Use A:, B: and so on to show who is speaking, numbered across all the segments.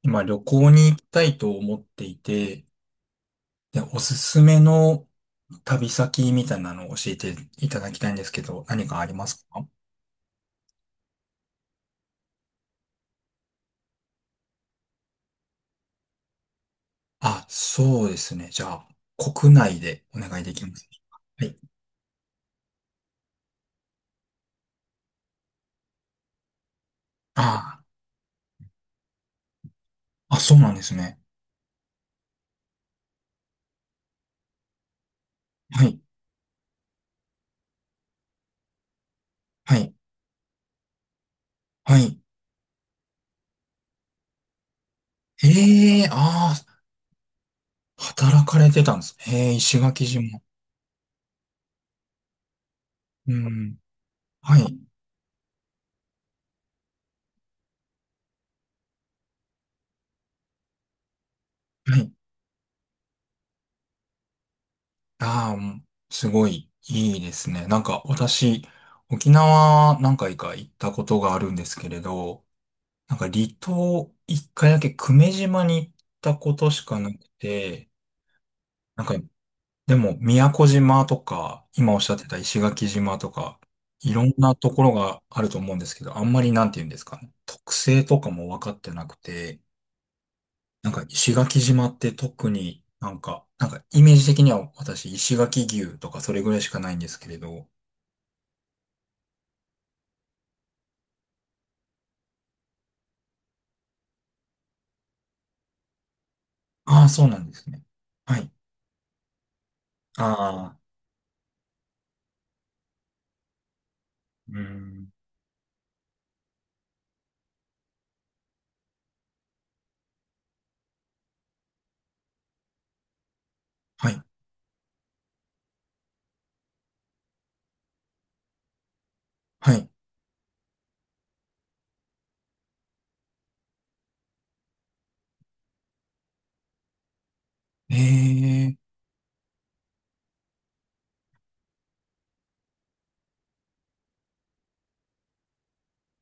A: 今旅行に行きたいと思っていて、で、おすすめの旅先みたいなのを教えていただきたいんですけど、何かありますか？あ、そうですね。じゃあ、国内でお願いできますでしょうか。はい。ああ、あ、そうなんですね。はい。はい。はい。ええ、ああ、働かれてたんです。ええ、石垣島。うん。はい。はい。ああ、うん。すごいいいですね。なんか私、沖縄何回か行ったことがあるんですけれど、なんか離島一回だけ久米島に行ったことしかなくて、なんかでも宮古島とか、今おっしゃってた石垣島とか、いろんなところがあると思うんですけど、あんまりなんて言うんですかね、特性とかも分かってなくて、なんか石垣島って特になんか、なんかイメージ的には私石垣牛とかそれぐらいしかないんですけれど。ああ、そうなんですね。はい。ああ、うん。はい。はい。ええ。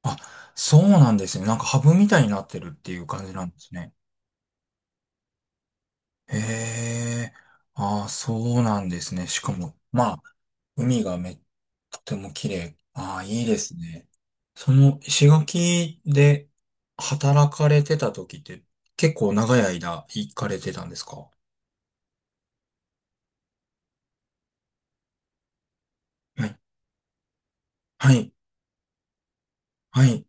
A: あ、そうなんですね。なんかハブみたいになってるっていう感じなんですね。へえ、ああ、そうなんですね。しかも、まあ、海がめ、とても綺麗。ああ、いいですね。その、石垣で働かれてた時って、結構長い間行かれてたんですか？はい。はい。はい。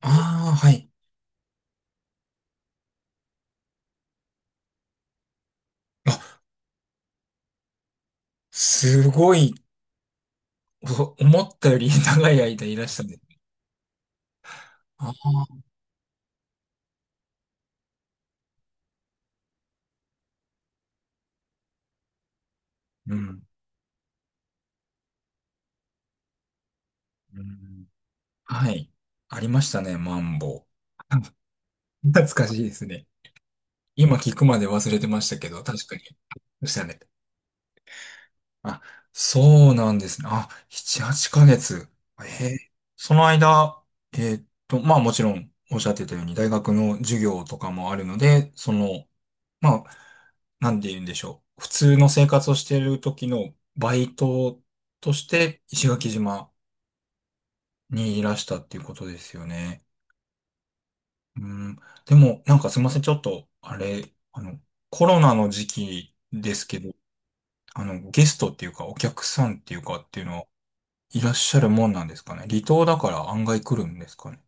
A: ああ、はい。あ、すごい、お思ったより 長い間いらしたね。ああ、うん。うん。はい。ありましたね、マンボウ。懐かしいですね。今聞くまで忘れてましたけど、確かに。でしたね。あ、そうなんですね。あ、7、8ヶ月。えーその間、まあもちろんおっしゃってたように大学の授業とかもあるので、その、まあ、なんて言うんでしょう。普通の生活をしている時のバイトとして石垣島にいらしたっていうことですよね。うん。でも、なんかすいません。ちょっと、あれ、コロナの時期ですけど、ゲストっていうか、お客さんっていうかっていうのは、いらっしゃるもんなんですかね。離島だから案外来るんですかね。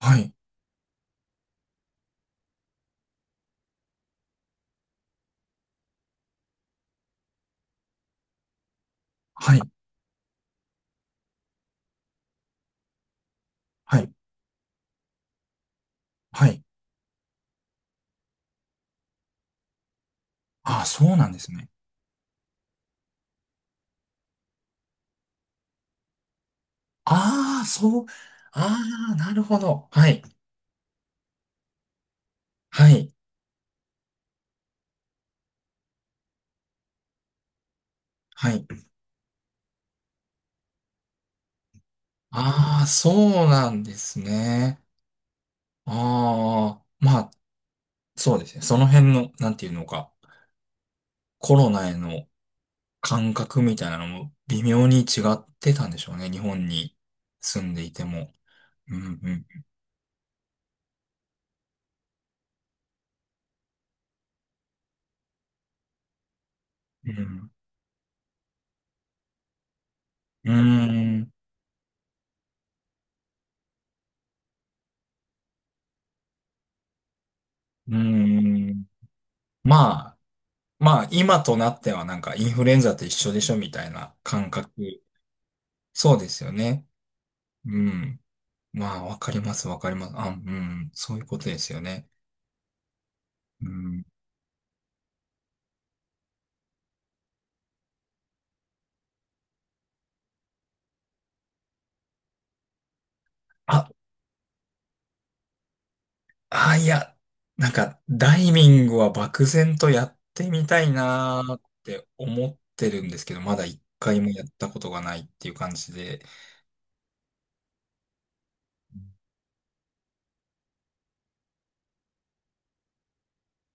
A: はい、はい、はい、はい。ああ、そうなんですね。ああ、そう、ああ、なるほど。はい、はい、はい。ああ、そうなんですね。ああ、まあ、そうですね。その辺の、なんていうのか、コロナへの感覚みたいなのも微妙に違ってたんでしょうね。日本に住んでいても。うん、うん。うん。うーん、うーん。まあ、まあ、今となってはなんかインフルエンザと一緒でしょみたいな感覚。そうですよね。うん。まあ、わかります、わかります。あ、うん、そういうことですよね。うん。あ、あ、いや、なんか、ダイビングは漠然とやってみたいなーって思ってるんですけど、まだ一回もやったことがないっていう感じで。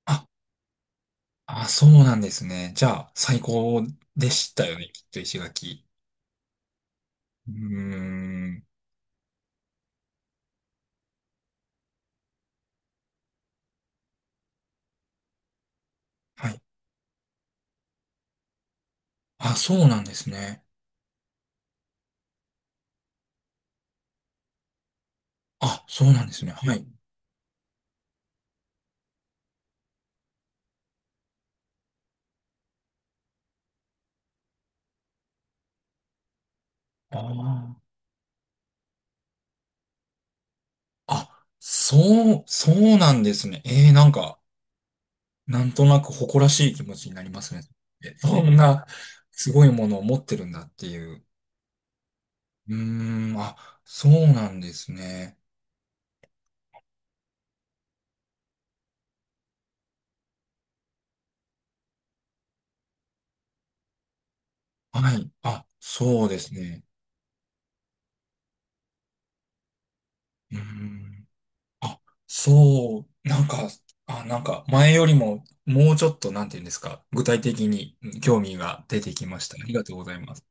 A: あ、あ、そうなんですね。じゃあ、最高でしたよね、きっと石垣。うーん。はい。あ、そうなんですね。あ、そうなんですね。はい。ああ。あ、そう、そうなんですね。えー、なんか、なんとなく誇らしい気持ちになりますね。え、そんな、すごいものを持ってるんだっていう。うーん、あ、そうなんですね。はい。あ、そうですね。うーん。あ、そう、なんか、あ、なんか前よりももうちょっとなんて言うんですか、具体的にうん興味が出てきました。ありがとうございます。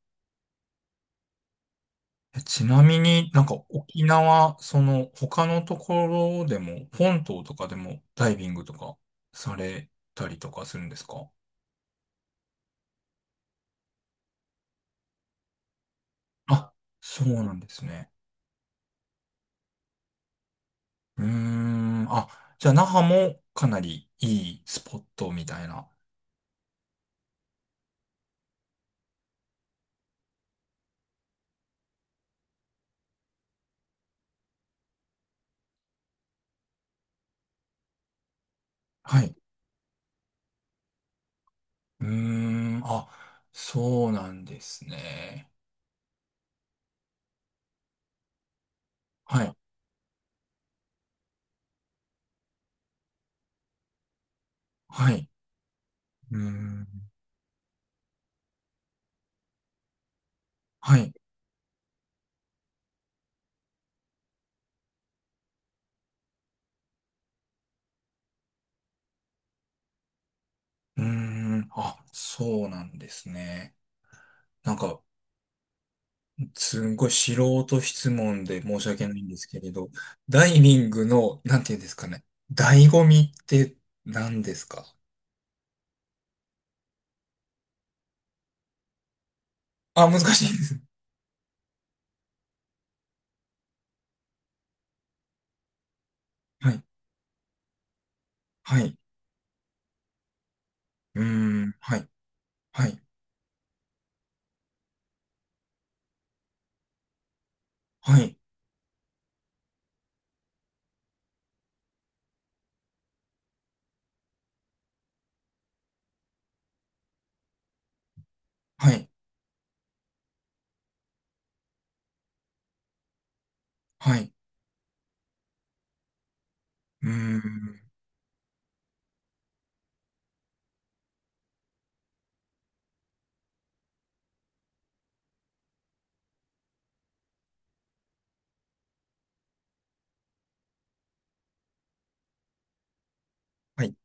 A: え、ちなみになんか沖縄、その他のところでも、本島とかでもダイビングとかされたりとかするんですか？あ、そうなんですね。うーん、あ、じゃあ那覇もかなりいいスポットみたいな。はい。うーん、あ、そうなんですね。はい。はい。うーん。はい。うーん。あ、そうなんですね。なんか、すんごい素人質問で申し訳ないんですけれど、ダイビングの、なんていうんですかね。醍醐味って何ですか？あ、難しいです。はい。はい。うーん。はい。はい。はい。はい。はい。うーん。はい